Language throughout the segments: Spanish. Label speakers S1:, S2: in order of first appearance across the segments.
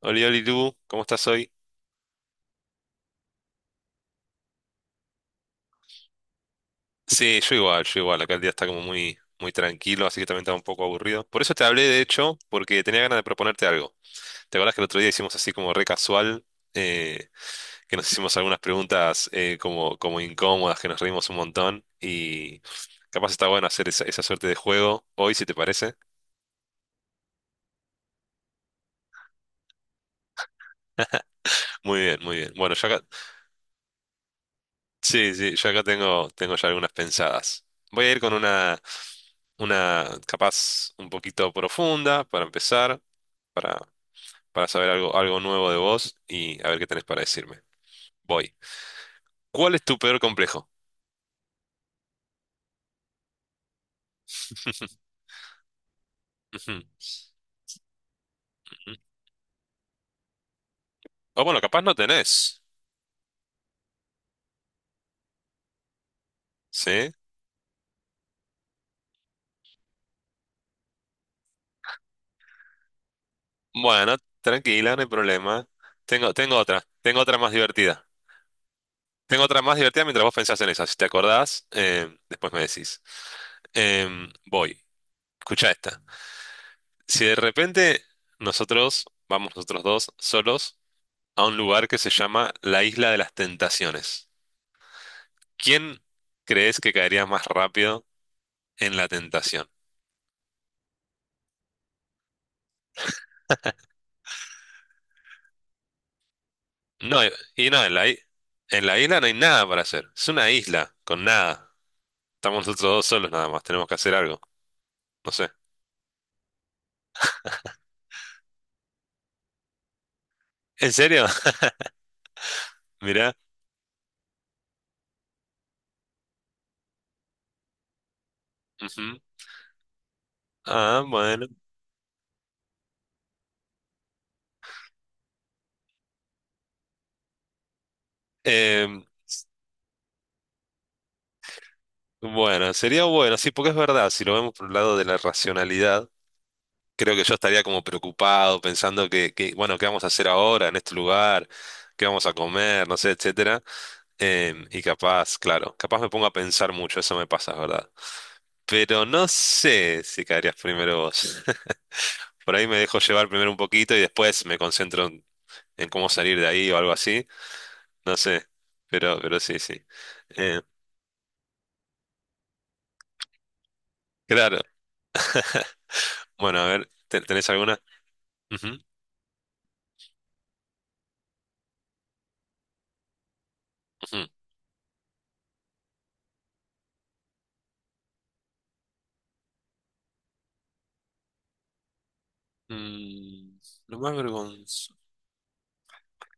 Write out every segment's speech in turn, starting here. S1: Oli, Oli, tú, ¿cómo estás hoy? Sí, yo igual, yo igual. Acá el día está como muy, muy tranquilo, así que también estaba un poco aburrido. Por eso te hablé, de hecho, porque tenía ganas de proponerte algo. ¿Te acuerdas que el otro día hicimos así como re casual, eh, que nos hicimos algunas preguntas como incómodas, que nos reímos un montón? Y capaz está bueno hacer esa suerte de juego hoy, si te parece. Muy bien, muy bien. Bueno, ya acá, sí, sí, yo acá tengo ya algunas pensadas. Voy a ir con una capaz un poquito profunda para empezar. para, para saber algo nuevo de vos y a ver qué tenés para decirme. Voy. ¿Cuál es tu peor complejo? Ujú, ujú. O bueno, capaz no tenés. ¿Sí? Bueno, tranquila, no hay problema. Tengo otra, tengo otra más divertida. Tengo otra más divertida mientras vos pensás en esa. Si te acordás, después me decís. Voy. Escucha esta. Si de repente nosotros, vamos nosotros dos, solos, a un lugar que se llama la Isla de las Tentaciones. ¿Quién crees que caería más rápido en la tentación? No, y no, en la isla no hay nada para hacer. Es una isla, con nada. Estamos nosotros dos solos nada más, tenemos que hacer algo. No sé. ¿En serio? Mirá. Ujú. Ah, bueno. Em, bueno, sería bueno, sí, porque es verdad, si lo vemos por el lado de la racionalidad, creo que yo estaría como preocupado, pensando bueno, ¿qué vamos a hacer ahora en este lugar? ¿Qué vamos a comer? No sé, etcétera. Y capaz, claro, capaz me pongo a pensar mucho, eso me pasa, ¿verdad? Pero no sé si caerías primero vos. Por ahí me dejo llevar primero un poquito y después me concentro en cómo salir de ahí o algo así. No sé, pero sí, sí. Eh, claro. Bueno, a ver, ¿tenés alguna? Ujú, ujú. Mm, lo más vergonzoso.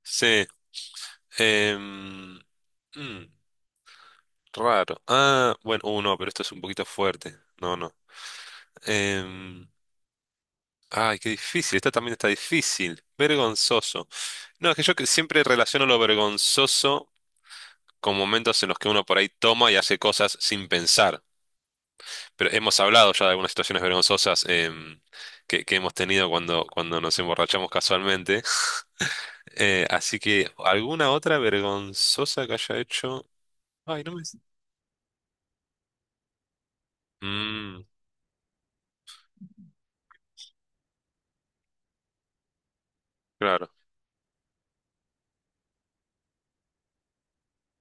S1: Sí. em, mm, raro. Ah, bueno, no, pero esto es un poquito fuerte. No, no. Em, Ay, qué difícil. Esta también está difícil. Vergonzoso. No, es que yo que siempre relaciono lo vergonzoso con momentos en los que uno por ahí toma y hace cosas sin pensar. Pero hemos hablado ya de algunas situaciones vergonzosas que hemos tenido cuando nos emborrachamos casualmente. Así que, ¿alguna otra vergonzosa que haya hecho? Ay, no me... Mm, claro.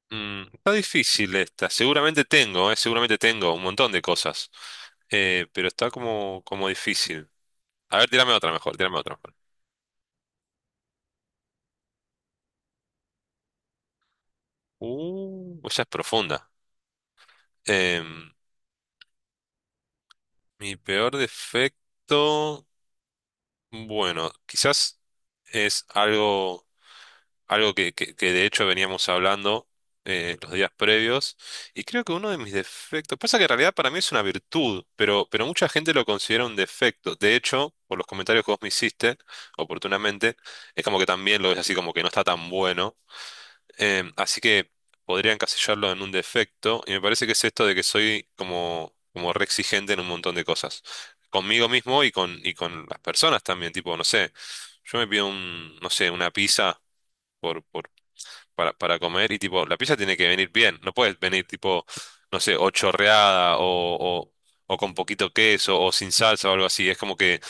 S1: Está difícil esta. Seguramente tengo un montón de cosas. Pero está como difícil. A ver, tírame otra mejor, tírame otra mejor. Esa es profunda. Em, mi peor defecto, bueno, quizás es algo que de hecho veníamos hablando los días previos. Y creo que uno de mis defectos, pasa que en realidad para mí es una virtud, pero mucha gente lo considera un defecto. De hecho, por los comentarios que vos me hiciste, oportunamente, es como que también lo ves así como que no está tan bueno. Así que podría encasillarlo en un defecto y me parece que es esto de que soy como re exigente en un montón de cosas. Conmigo mismo y y con las personas también, tipo, no sé, yo me pido un, no sé, una pizza. Por Para comer y tipo, la pizza tiene que venir bien, no puedes venir tipo, no sé, o chorreada o, o con poquito queso o sin salsa o algo así. Es como que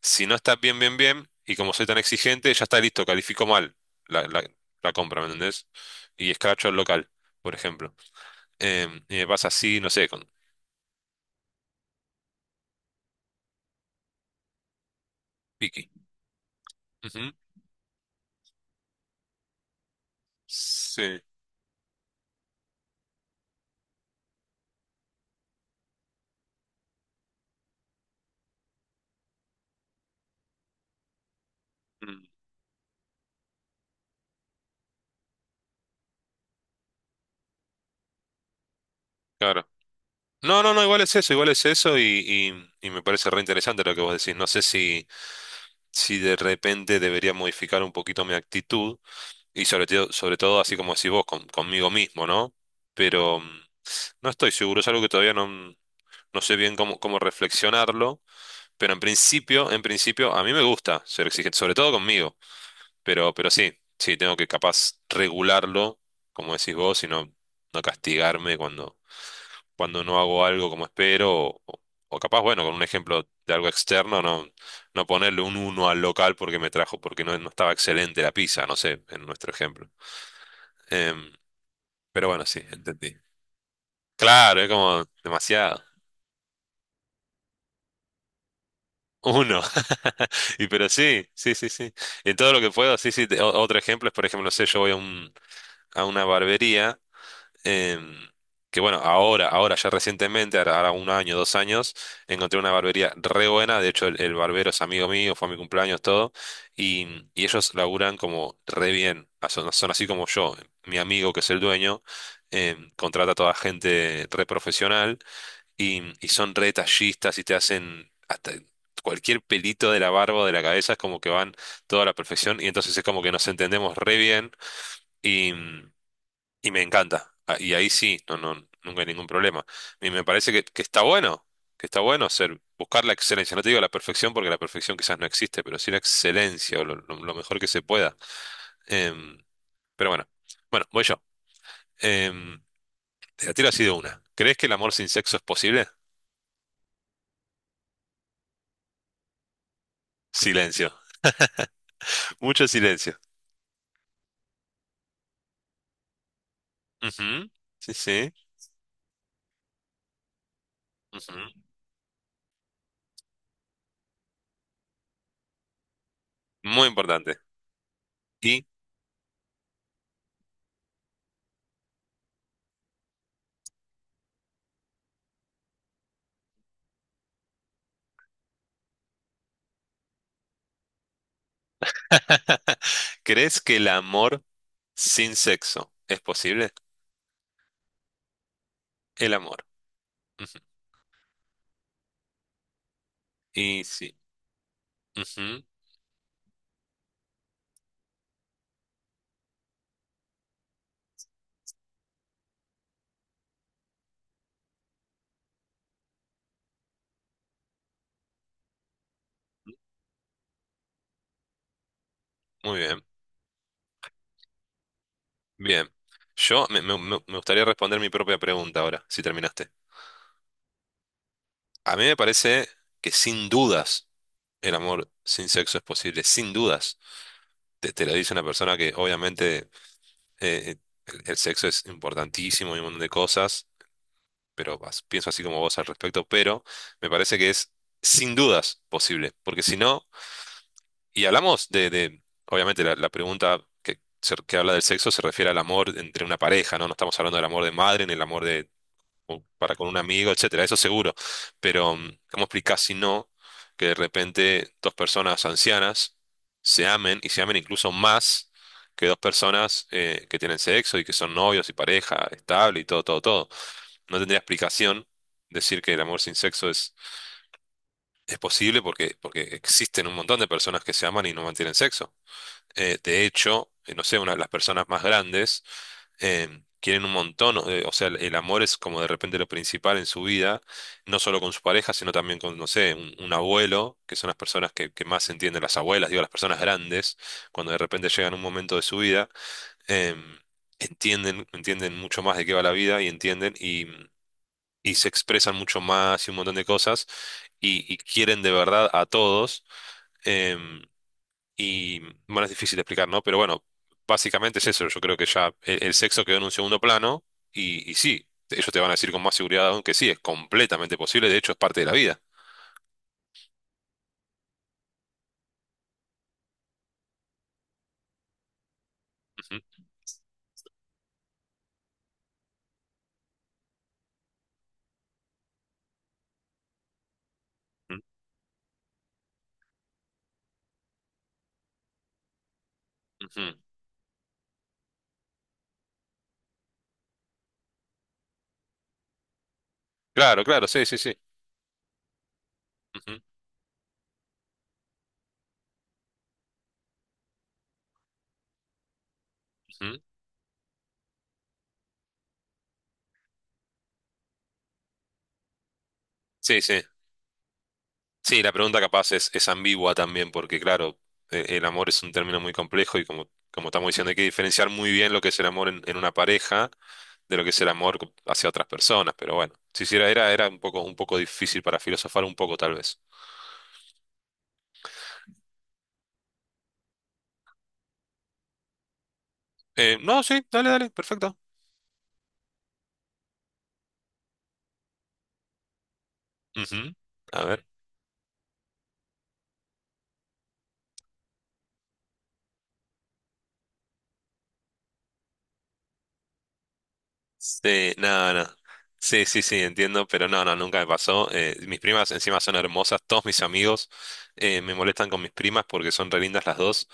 S1: si no está bien, bien, bien, y como soy tan exigente, ya está listo, califico mal la, la, la compra, ¿me entendés? Y escracho al local, por ejemplo. Y me pasa así, no sé, con Piki. Ujú. Sí, mm, claro. No, no, no, igual es eso y me parece re interesante lo que vos decís. No sé si de repente debería modificar un poquito mi actitud y sobre todo así como decís vos, conmigo mismo, ¿no? Pero no estoy seguro, es algo que todavía no sé bien cómo reflexionarlo, pero en principio a mí me gusta ser exigente, sobre todo conmigo. Pero sí, sí, tengo que capaz regularlo, como decís vos, y no castigarme cuando no hago algo como espero, o capaz, bueno, con un ejemplo de algo externo, no ponerle un uno al local porque me trajo, porque no estaba excelente la pizza, no sé, en nuestro ejemplo. Em, pero bueno, sí, entendí. Claro, es como demasiado. Uno. Y pero sí, sí, sí, sí. En todo lo que puedo, sí, sí. Otro ejemplo es, por ejemplo, no sé, yo voy a una barbería em, que bueno, ahora ya recientemente, ahora un año, 2 años, encontré una barbería re buena. De hecho, el barbero es amigo mío, fue a mi cumpleaños, todo. Y ellos laburan como re bien. Ah, son así como yo. Mi amigo, que es el dueño, contrata a toda gente re profesional y son re detallistas y te hacen hasta cualquier pelito de la barba o de la cabeza, es como que van toda la perfección. Y entonces es como que nos entendemos re bien. Y, y me encanta. Ah, y ahí sí, no, no, nunca hay ningún problema. Y me parece que está bueno, buscar la excelencia. No te digo la perfección porque la perfección quizás no existe, pero sí la excelencia o lo mejor que se pueda. Em, pero bueno, bueno, voy yo. Em, te la tiro así de una. ¿Crees que el amor sin sexo es posible? Silencio, mucho silencio. Ujú, sí, sí. Ujú, muy importante. ¿Y crees que el amor sin sexo es posible? El amor. Ujú, y sí. Ujú, muy bien, bien. Yo me gustaría responder mi propia pregunta ahora, si terminaste. A mí me parece que sin dudas el amor sin sexo es posible, sin dudas. Te lo dice una persona que obviamente eh, el sexo es importantísimo y un montón de cosas, pero pienso así como vos al respecto, pero me parece que es sin dudas posible, porque si no, y hablamos obviamente la pregunta, que habla del sexo se refiere al amor entre una pareja, ¿no? No estamos hablando del amor de madre ni el amor o para con un amigo, etcétera, eso seguro. Pero, ¿cómo explicás si no que de repente dos personas ancianas se amen y se amen incluso más que dos personas que tienen sexo y que son novios y pareja estable y todo, todo, todo? No tendría explicación decir que el amor sin sexo es posible porque, existen un montón de personas que se aman y no mantienen sexo. De hecho, no sé, las personas más grandes quieren un montón, o sea, el amor es como de repente lo principal en su vida, no solo con su pareja, sino también con, no sé, un abuelo, que son las personas que más entienden, las abuelas, digo, las personas grandes, cuando de repente llegan a un momento de su vida, em, entienden mucho más de qué va la vida y entienden y se expresan mucho más y un montón de cosas y quieren de verdad a todos. em, y bueno, es difícil de explicar, ¿no? Pero bueno, básicamente es eso. Yo creo que ya el sexo quedó en un segundo plano y sí, ellos te van a decir con más seguridad aún que sí, es completamente posible, de hecho es parte de la vida. Ujú, ujú, ujú. Claro, claro, sí, sí, sí. Ujú, ujú. Sí, sí. Sí, la pregunta capaz es, ambigua también, porque claro, el amor es un término muy complejo y como estamos diciendo, hay que diferenciar muy bien lo que es el amor en una pareja de lo que es el amor hacia otras personas, pero bueno, sí, sí, era un poco difícil para filosofar un poco, tal vez. No, sí, dale, dale, perfecto. Ujú. A ver. Sí, no, no. Sí, sí, sí, entiendo, pero no, no, nunca me pasó. Mis primas encima son hermosas, todos mis amigos me molestan con mis primas porque son re lindas las dos.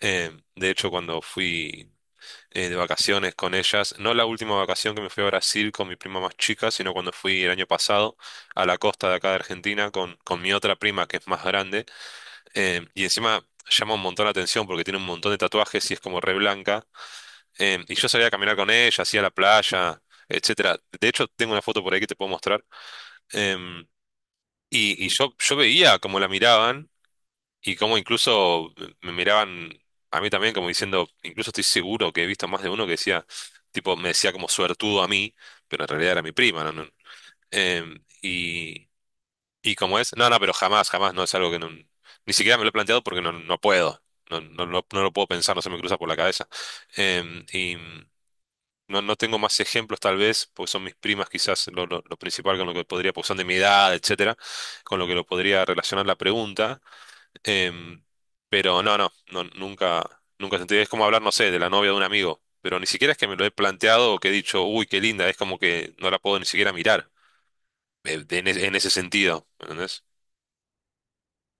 S1: De hecho, cuando fui de vacaciones con ellas, no la última vacación que me fui a Brasil con mi prima más chica, sino cuando fui el año pasado a la costa de acá de Argentina con mi otra prima que es más grande. Y encima llama un montón la atención porque tiene un montón de tatuajes y es como re blanca. Y yo salía a caminar con ella, hacía la playa, etcétera. De hecho, tengo una foto por ahí que te puedo mostrar. Em, y yo veía cómo la miraban y cómo incluso me miraban a mí también, como diciendo, incluso estoy seguro que he visto más de uno que decía, tipo, me decía como suertudo a mí, pero en realidad era mi prima, ¿no? No, em, y, y como es, no, no, pero jamás, jamás, no es algo que ni siquiera me lo he planteado porque no puedo. No, no, no, no lo puedo pensar, no se me cruza por la cabeza. Em, y. no tengo más ejemplos tal vez, porque son mis primas quizás lo principal con lo que podría, porque son de mi edad, etcétera, con lo que lo podría relacionar la pregunta. Em, pero no, no, no, nunca, nunca sentí. Es como hablar, no sé, de la novia de un amigo, pero ni siquiera es que me lo he planteado o que he dicho, uy, qué linda, es como que no la puedo ni siquiera mirar, en ese sentido, ¿me entendés?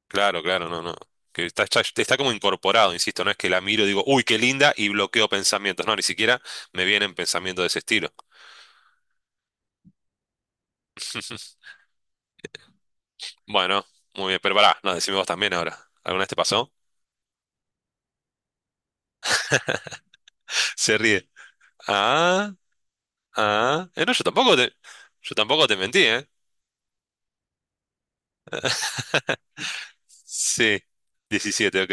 S1: Claro, claro, no, no. Que está como incorporado, insisto, no es que la miro y digo, uy, qué linda, y bloqueo pensamientos, no, ni siquiera me vienen pensamientos de ese estilo. Bueno, muy bien, pero pará, no, decime vos también ahora. ¿Alguna vez te pasó? Se ríe. Ah, ah. No, yo tampoco te mentí, ¿eh? Sí, 17, ok.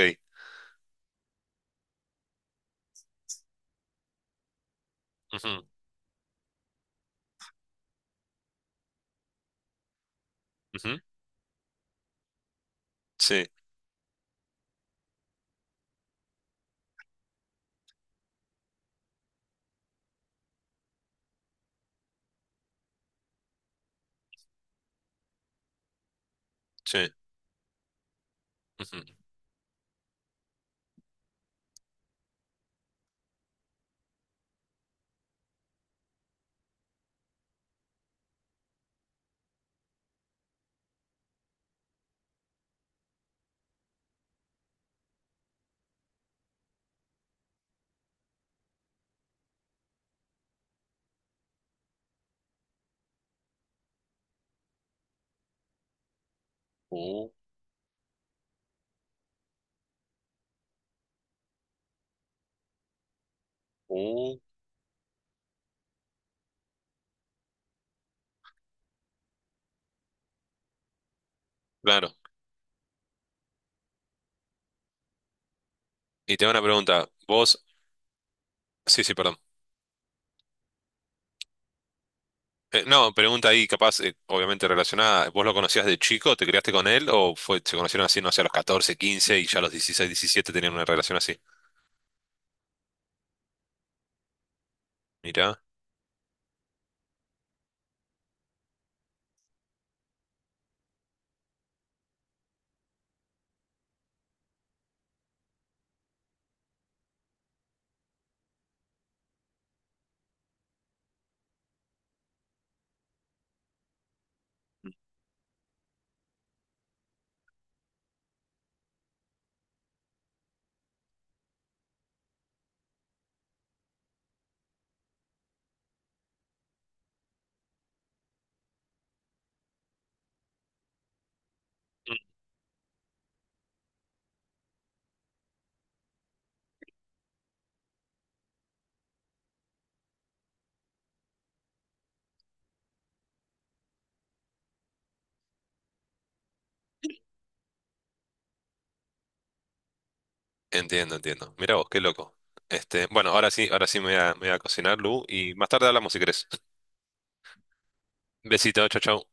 S1: Ujú, ujú, Sí, sí. ujú. Uh, uh, Claro. Y te hago una pregunta. Vos, sí, sí, perdón. No, pregunta ahí capaz, obviamente relacionada. ¿Vos lo conocías de chico? ¿Te criaste con él? ¿O fue, se conocieron así, no sé, a los 14, 15 y ya a los 16, 17 tenían una relación así? Mirá. Entiendo, entiendo. Mira vos, qué loco. Este, bueno, ahora sí me voy a cocinar, Lu, y más tarde hablamos si querés. Besito, chau, chau.